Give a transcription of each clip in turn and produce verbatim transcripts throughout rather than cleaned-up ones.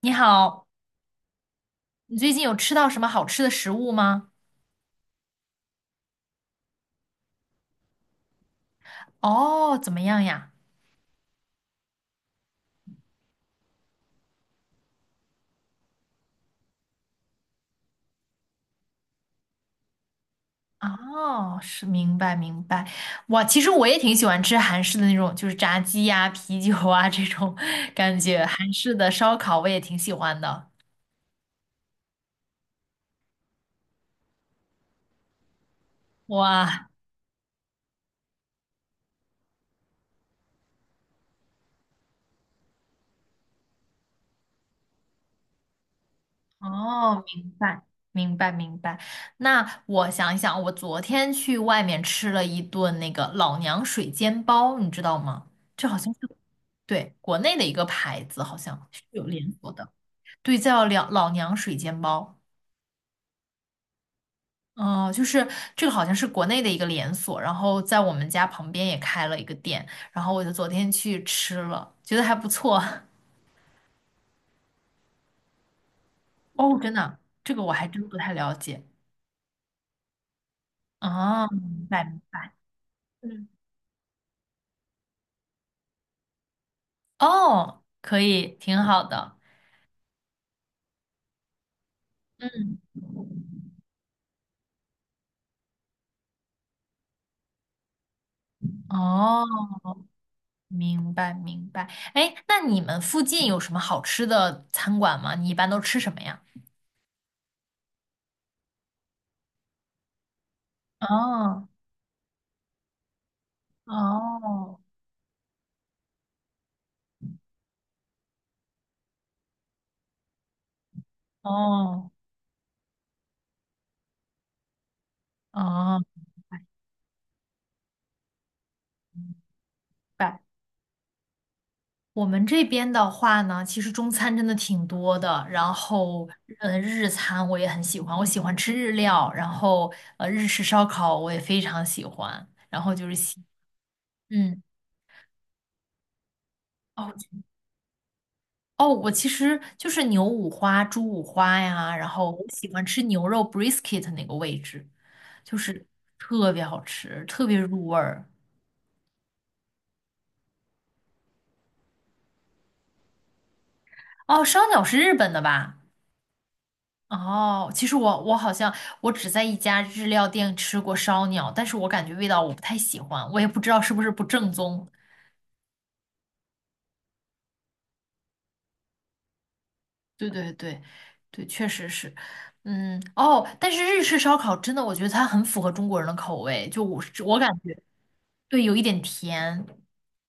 你好，你最近有吃到什么好吃的食物吗？哦，怎么样呀？哦，是明白明白。哇，其实我也挺喜欢吃韩式的那种，就是炸鸡呀、啤酒啊这种感觉，韩式的烧烤我也挺喜欢的。哇，哦，明白明白明白。那我想一想，我昨天去外面吃了一顿那个老娘水煎包，你知道吗？这好像是。对，国内的一个牌子，好像是有连锁的。对，叫两老娘水煎包。哦、就是这个好像是国内的一个连锁，然后在我们家旁边也开了一个店，然后我就昨天去吃了，觉得还不错。哦，真的啊，这个我还真不太了解。哦，明白明白。嗯，哦，可以，挺好的。嗯，哦，明白明白。哎，那你们附近有什么好吃的餐馆吗？你一般都吃什么呀？哦哦哦哦。明白。我们这边的话呢，其实中餐真的挺多的，然后呃，日餐我也很喜欢，我喜欢吃日料，然后呃，日式烧烤我也非常喜欢，然后就是喜，嗯，哦哦，我其实就是牛五花、猪五花呀，然后我喜欢吃牛肉 brisket 那个位置，就是特别好吃，特别入味儿。哦，烧鸟是日本的吧？哦，其实我我好像我只在一家日料店吃过烧鸟，但是我感觉味道我不太喜欢，我也不知道是不是不正宗。对对对，对，确实是，嗯，哦，但是日式烧烤真的，我觉得它很符合中国人的口味，就我是我感觉，对，有一点甜，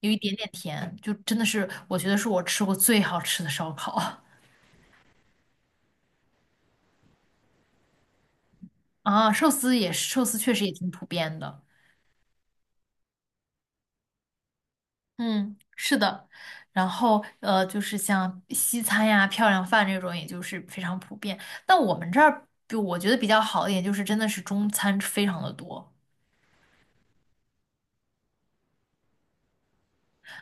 有一点点甜，就真的是我觉得是我吃过最好吃的烧烤。 啊，寿司也是，寿司确实也挺普遍的。嗯，是的，然后呃，就是像西餐呀、漂亮饭这种，也就是非常普遍。但我们这儿，就我觉得比较好一点，就是真的是中餐非常的多，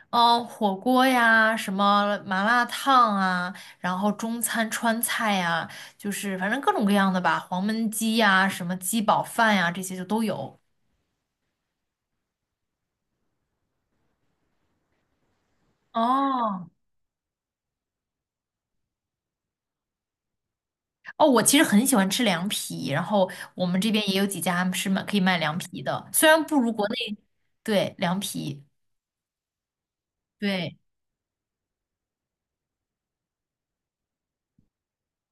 嗯、火锅呀，什么麻辣烫啊，然后中餐川菜呀，就是反正各种各样的吧，黄焖鸡呀，什么鸡煲饭呀，这些就都有。哦，哦，我其实很喜欢吃凉皮，然后我们这边也有几家是卖可以卖凉皮的，虽然不如国内，对，凉皮，对，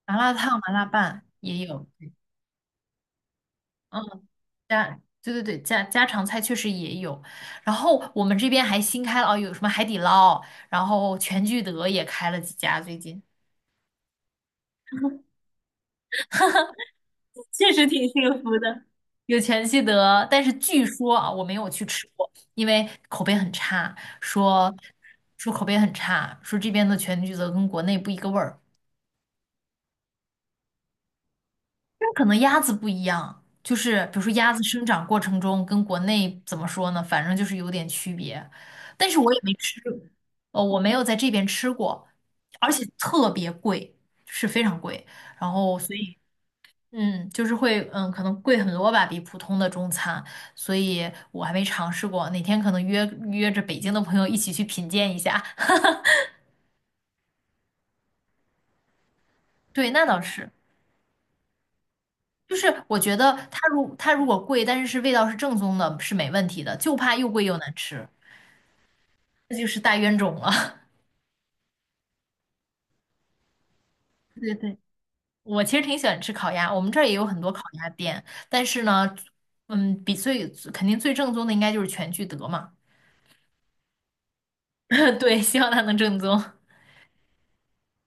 麻辣烫、麻辣拌也有，嗯，家，对对对，家家常菜确实也有，然后我们这边还新开了哦，有什么海底捞，然后全聚德也开了几家最近。确实挺幸福的。有全聚德，但是据说啊，我没有去吃过，因为口碑很差，说说口碑很差，说这边的全聚德跟国内不一个味儿，但可能鸭子不一样，就是比如说鸭子生长过程中跟国内怎么说呢，反正就是有点区别，但是我也没吃，呃，我没有在这边吃过，而且特别贵，是非常贵，然后所以嗯，就是会，嗯，可能贵很多吧，比普通的中餐，所以我还没尝试过。哪天可能约约着北京的朋友一起去品鉴一下。对，那倒是，就是我觉得它如它如果贵，但是是味道是正宗的，是没问题的，就怕又贵又难吃，这就是大冤种了。对对对，我其实挺喜欢吃烤鸭，我们这儿也有很多烤鸭店，但是呢，嗯，比最肯定最正宗的应该就是全聚德嘛。对，希望它能正宗。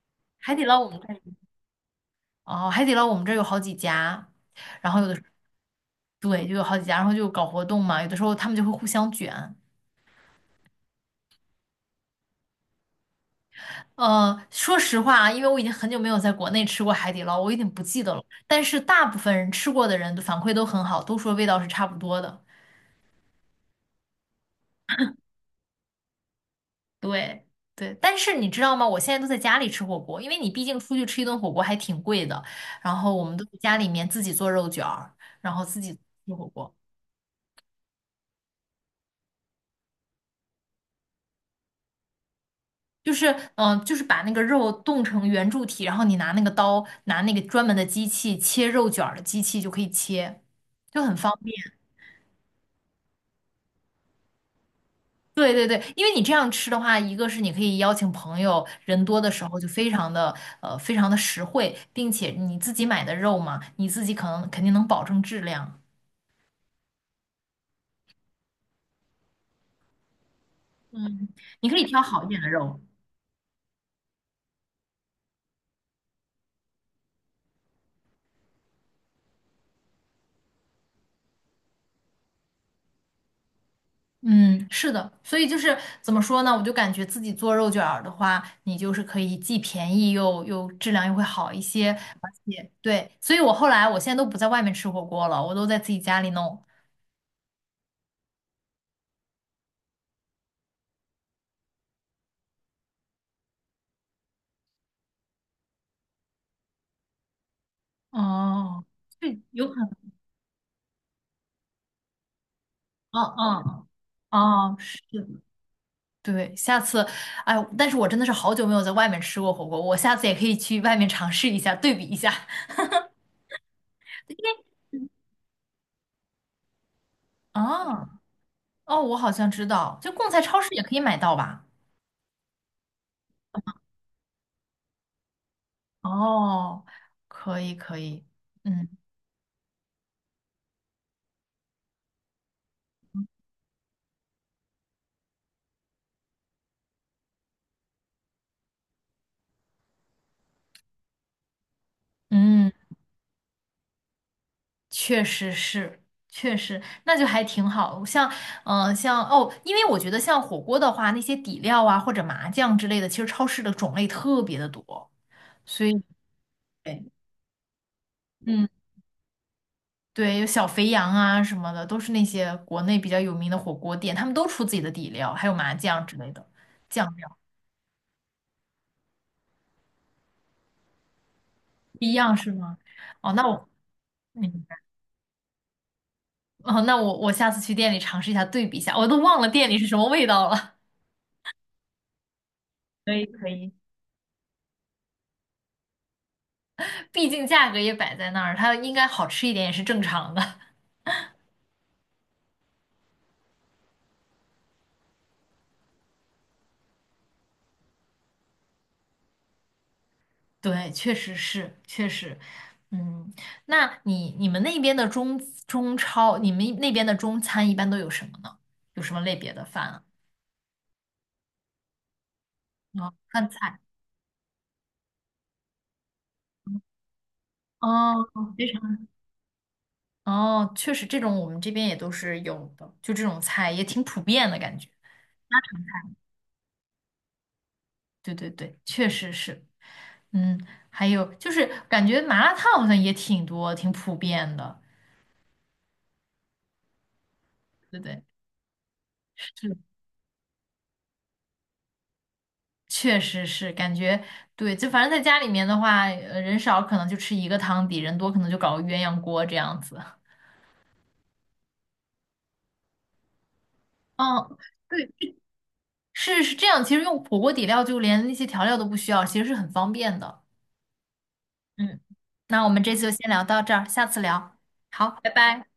海底捞我们。哦，海底捞我们这儿有好几家，然后有的时对，就有好几家，然后就搞活动嘛，有的时候他们就会互相卷。呃，说实话啊，因为我已经很久没有在国内吃过海底捞，我有点不记得了。但是大部分人吃过的人都反馈都很好，都说味道是差不多的。对对，但是你知道吗？我现在都在家里吃火锅，因为你毕竟出去吃一顿火锅还挺贵的。然后我们都在家里面自己做肉卷儿，然后自己吃火锅。就是嗯、呃就是把那个肉冻成圆柱体，然后你拿那个刀，拿那个专门的机器切肉卷儿的机器就可以切，就很方便。对对对，因为你这样吃的话，一个是你可以邀请朋友，人多的时候就非常的呃非常的实惠，并且你自己买的肉嘛，你自己可能肯定能保证质量。嗯，你可以挑好一点的肉。嗯，是的，所以就是怎么说呢？我就感觉自己做肉卷儿的话，你就是可以既便宜又又质量又会好一些，而且对，所以我后来我现在都不在外面吃火锅了，我都在自己家里弄。哦，对，有可能，嗯嗯，哦，是的，对，下次，哎，但是我真的是好久没有在外面吃过火锅，我下次也可以去外面尝试一下，对比一下。啊，哦，我好像知道，就贡菜超市也可以买到吧？哦，可以可以，嗯嗯，确实是，确实，那就还挺好。像嗯、呃像哦，因为我觉得像火锅的话，那些底料啊或者麻酱之类的，其实超市的种类特别的多，所以对，嗯，对，有小肥羊啊什么的，都是那些国内比较有名的火锅店，他们都出自己的底料，还有麻酱之类的酱料，不一样是吗？哦，那我。嗯，哦，那我我下次去店里尝试一下，对比一下，我都忘了店里是什么味道了。可以可以。毕竟价格也摆在那儿，它应该好吃一点也是正常的。对，确实是，确实，嗯，那你你们那边的中中超，你们那边的中餐一般都有什么呢？有什么类别的饭啊？哦，饭菜。哦，非常。哦，确实，这种我们这边也都是有的，就这种菜也挺普遍的感觉。对对对，确实是。嗯，还有就是感觉麻辣烫好像也挺多，挺普遍的，对不对？是，确实是，感觉对，就反正在家里面的话，呃人少可能就吃一个汤底，人多可能就搞个鸳鸯锅这样子。嗯，对，是是这样。其实用火锅底料就连那些调料都不需要，其实是很方便的。嗯，那我们这次就先聊到这儿，下次聊。好，拜拜。